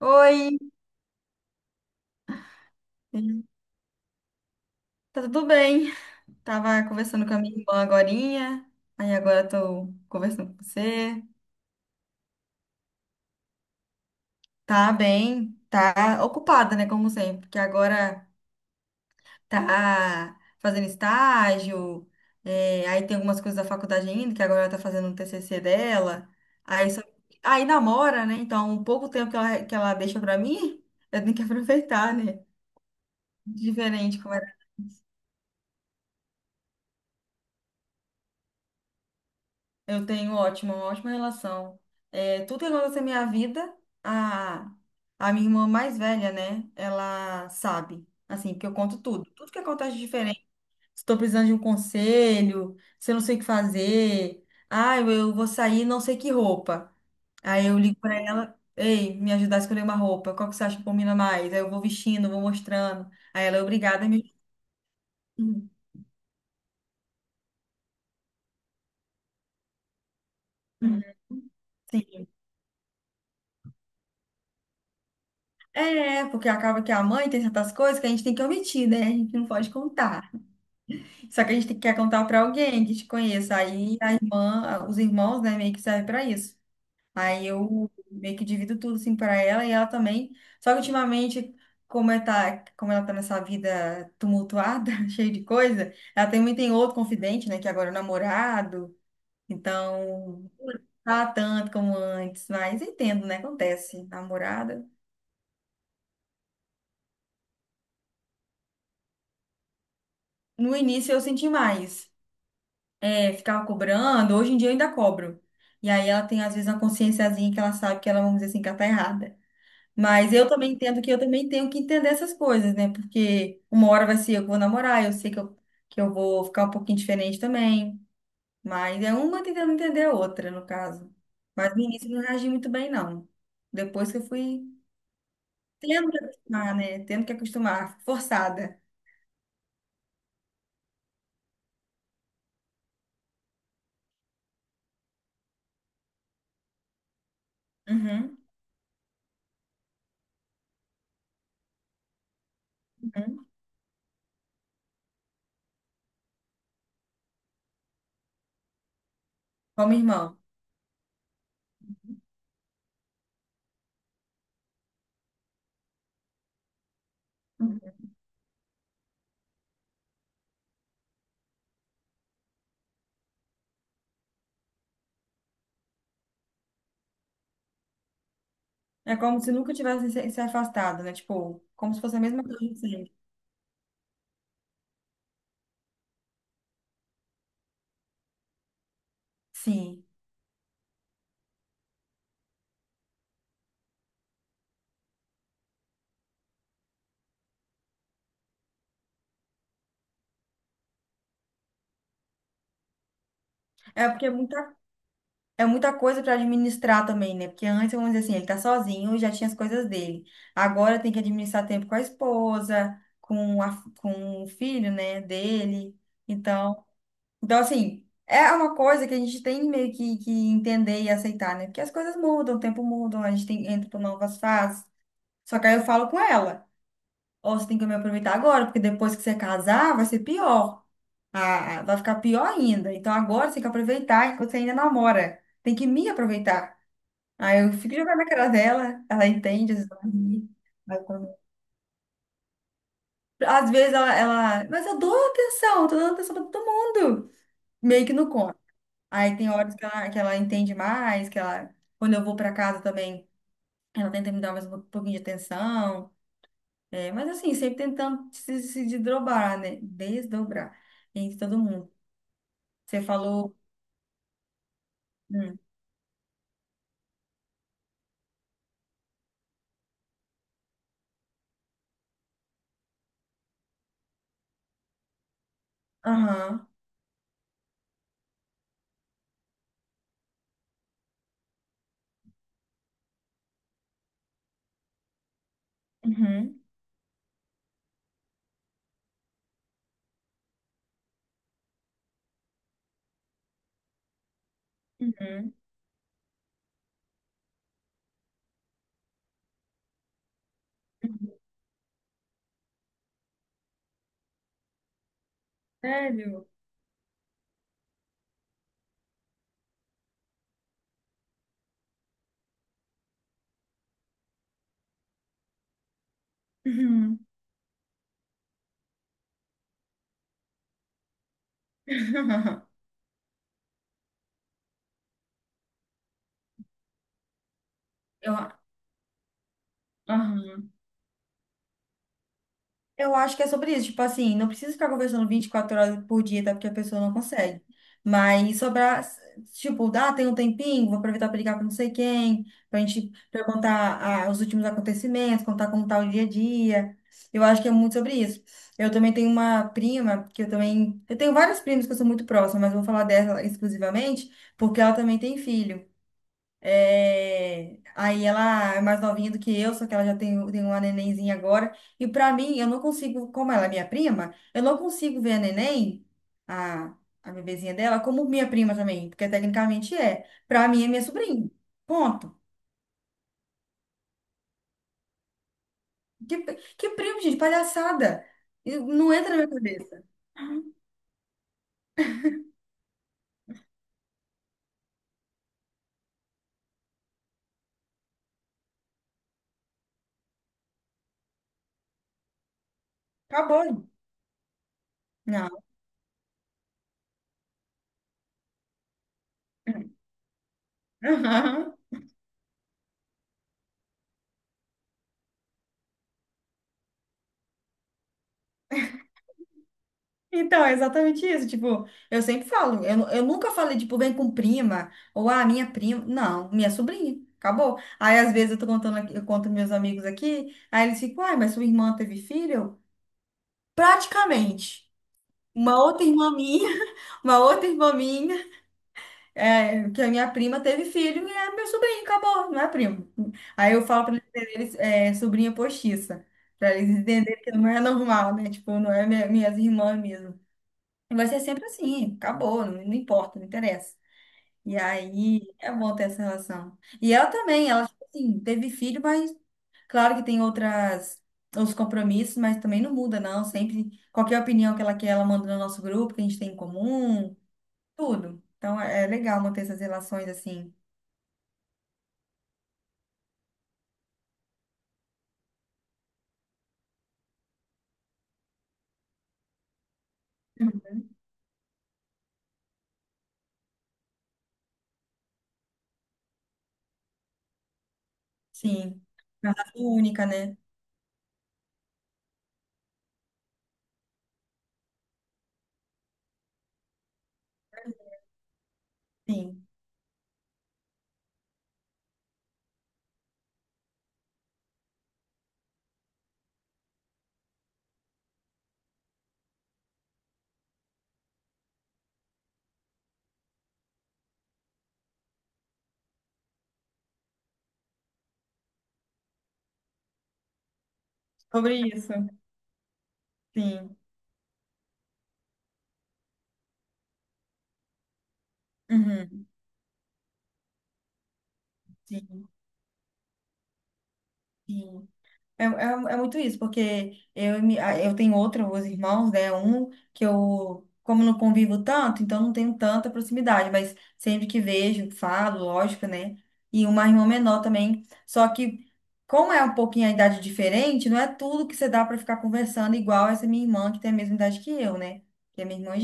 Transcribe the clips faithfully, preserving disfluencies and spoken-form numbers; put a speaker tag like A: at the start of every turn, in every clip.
A: Oi, tá tudo bem? Tava conversando com a minha irmã agorinha, aí agora tô conversando com você. Tá bem, tá ocupada, né, como sempre, porque agora tá fazendo estágio, é, aí tem algumas coisas da faculdade ainda, que agora ela tá fazendo um T C C dela, aí, só- aí namora, né, então o pouco tempo que ela, que ela deixa pra mim, eu tenho que aproveitar, né? Diferente. Eu tenho ótima, uma ótima relação. É, tudo que acontece na minha vida, a, a minha irmã mais velha, né? Ela sabe. Assim, porque eu conto tudo. Tudo que acontece de diferente. Se estou precisando de um conselho, se eu não sei o que fazer. Ah, eu, eu vou sair, não sei que roupa. Aí eu ligo para ela, ei, me ajudar a escolher uma roupa. Qual que você acha que combina mais? Aí eu vou vestindo, vou mostrando. Aí ela é obrigada a me. Uhum. Sim. É, porque acaba que a mãe tem certas coisas que a gente tem que omitir, né? A gente não pode contar. Só que a gente tem quer contar para alguém que te conheça. Aí a irmã, os irmãos, né, meio que servem para isso. Aí eu meio que divido tudo assim para ela e ela também. Só que ultimamente, como ela tá, como ela tá nessa vida tumultuada, cheia de coisa, ela também tem outro confidente, né, que agora é o namorado. Então, tá tanto como antes, mas entendo, né? Acontece. Namorada. No início eu senti mais. É, ficava cobrando, hoje em dia eu ainda cobro. E aí ela tem, às vezes, uma consciênciazinha que ela sabe que ela, vamos dizer assim, que ela tá errada. Mas eu também entendo que eu também tenho que entender essas coisas, né? Porque uma hora vai ser eu que vou namorar, eu sei que eu, que eu vou ficar um pouquinho diferente também. Mas é uma tentando entender a outra, no caso. Mas no início eu não reagi muito bem, não. Depois que eu fui tendo que acostumar, né? Tendo que acostumar, forçada. Uhum, uhum. Como irmão. É como se nunca tivesse se, se afastado, né? Tipo, como se fosse a mesma coisa de sempre. Sim. É porque é muita, é muita coisa para administrar também, né? Porque antes, vamos dizer assim, ele tá sozinho e já tinha as coisas dele. Agora tem que administrar tempo com a esposa, com, a, com o filho, né, dele. Então, então, assim, é uma coisa que a gente tem meio que, que entender e aceitar, né? Porque as coisas mudam, o tempo muda, a gente tem, entra por novas fases. Só que aí eu falo com ela. Ó, você tem que me aproveitar agora, porque depois que você casar, vai ser pior. Ah, ah, vai ficar pior ainda. Então agora você tem que aproveitar que você ainda namora. Tem que me aproveitar. Aí eu fico jogando na cara dela, ela entende, às vezes ela ri. Aí quando- Às vezes ela, ela, mas eu dou atenção, tô dando atenção pra todo mundo. Meio que não conta. Aí tem horas que ela, que ela entende mais, que ela, quando eu vou pra casa também, ela tenta me dar mais um pouquinho de atenção. É, mas assim, sempre tentando se, se desdobrar, né? Desdobrar entre todo mundo. Você falou. Hum. Aham. Uhum. Uhum. Uhum. Sério? Uhum. Eu, aham. Eu acho que é sobre isso. Tipo assim, não precisa ficar conversando vinte e quatro horas por dia, tá? Porque a pessoa não consegue. Mas sobrar, tipo, dá, tem um tempinho, vou aproveitar para ligar para não sei quem, pra gente perguntar ah, os últimos acontecimentos, contar como tá o dia a dia. Eu acho que é muito sobre isso. Eu também tenho uma prima, que eu também. Eu tenho várias primas que eu sou muito próxima, mas eu vou falar dela exclusivamente, porque ela também tem filho. É. Aí ela é mais novinha do que eu, só que ela já tem, tem uma nenenzinha agora. E pra mim, eu não consigo, como ela é minha prima, eu não consigo ver a neném, a, a bebezinha dela, como minha prima também, porque tecnicamente é. Pra mim é minha sobrinha. Ponto. Que, que primo, gente, palhaçada. E não entra na minha cabeça. Acabou. Não. Então, é exatamente isso. Tipo, eu sempre falo, eu, nu- eu nunca falei, tipo, vem com prima, ou ah, minha prima. Não, minha sobrinha. Acabou. Aí, às vezes, eu tô contando, aqui- eu conto meus amigos aqui, aí eles ficam, ai, mas sua irmã teve filho? Praticamente. Uma outra irmã minha, uma outra irmã minha, é, que a minha prima teve filho e é meu sobrinho, acabou, não é primo. Aí eu falo pra eles, entenderem, é, sobrinha postiça, pra eles entenderem que não é normal, né? Tipo, não é minha, minhas irmãs mesmo. Vai ser sempre assim, acabou, não, não importa, não interessa. E aí é bom ter essa relação. E ela também, ela, tipo assim, teve filho, mas claro que tem outras, outros compromissos, mas também não muda, não. Sempre, qualquer opinião que ela quer, ela manda no nosso grupo, que a gente tem em comum, tudo. Então é é legal manter essas relações assim. Uhum. Sim. Uma raça única, né? Sim. Sobre isso. Sim. Uhum. Sim. Sim. É, é, é muito isso, porque eu, e mi- a- eu tenho outros irmãos, né? Um que eu, como não convivo tanto, então não tenho tanta proximidade, mas sempre que vejo, falo, lógico, né? E uma irmã menor também. Só que, como é um pouquinho a idade diferente, não é tudo que você dá para ficar conversando igual essa minha irmã, que tem a mesma idade que eu, né? Que é minha irmã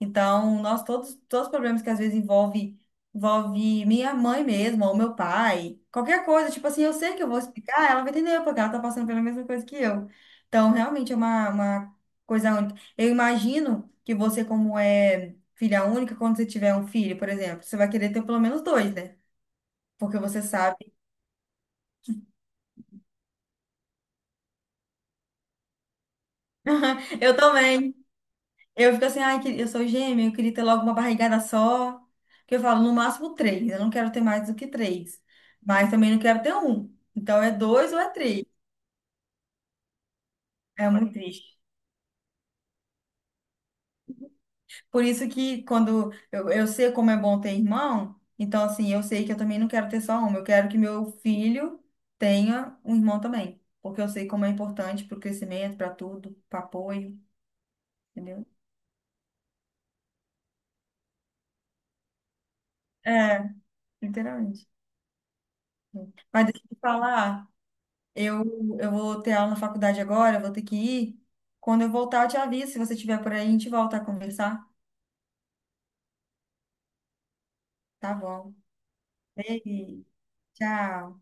A: então, nós todos, todos os problemas que às vezes envolve, envolve minha mãe mesmo, ou meu pai, qualquer coisa, tipo assim, eu sei que eu vou explicar, ela vai entender, porque ela tá passando pela mesma coisa que eu. Então, realmente é uma, uma coisa única. Eu imagino que você, como é filha única, quando você tiver um filho, por exemplo, você vai querer ter pelo menos dois, né? Porque você sabe. Eu também. Eu fico assim, ai, que- eu sou gêmea, eu queria ter logo uma barrigada só. Que eu falo, no máximo três. Eu não quero ter mais do que três. Mas também não quero ter um. Então é dois ou é três. É muito triste. Por isso que quando eu, eu sei como é bom ter irmão, então assim, eu sei que eu também não quero ter só um. Eu quero que meu filho tenha um irmão também. Porque eu sei como é importante para o crescimento, para tudo, para apoio, entendeu? É, literalmente. Mas deixa eu te falar. Eu, eu vou ter aula na faculdade agora, eu vou ter que ir. Quando eu voltar, eu te aviso. Se você estiver por aí, a gente volta a conversar. Tá bom. Beijo. Tchau.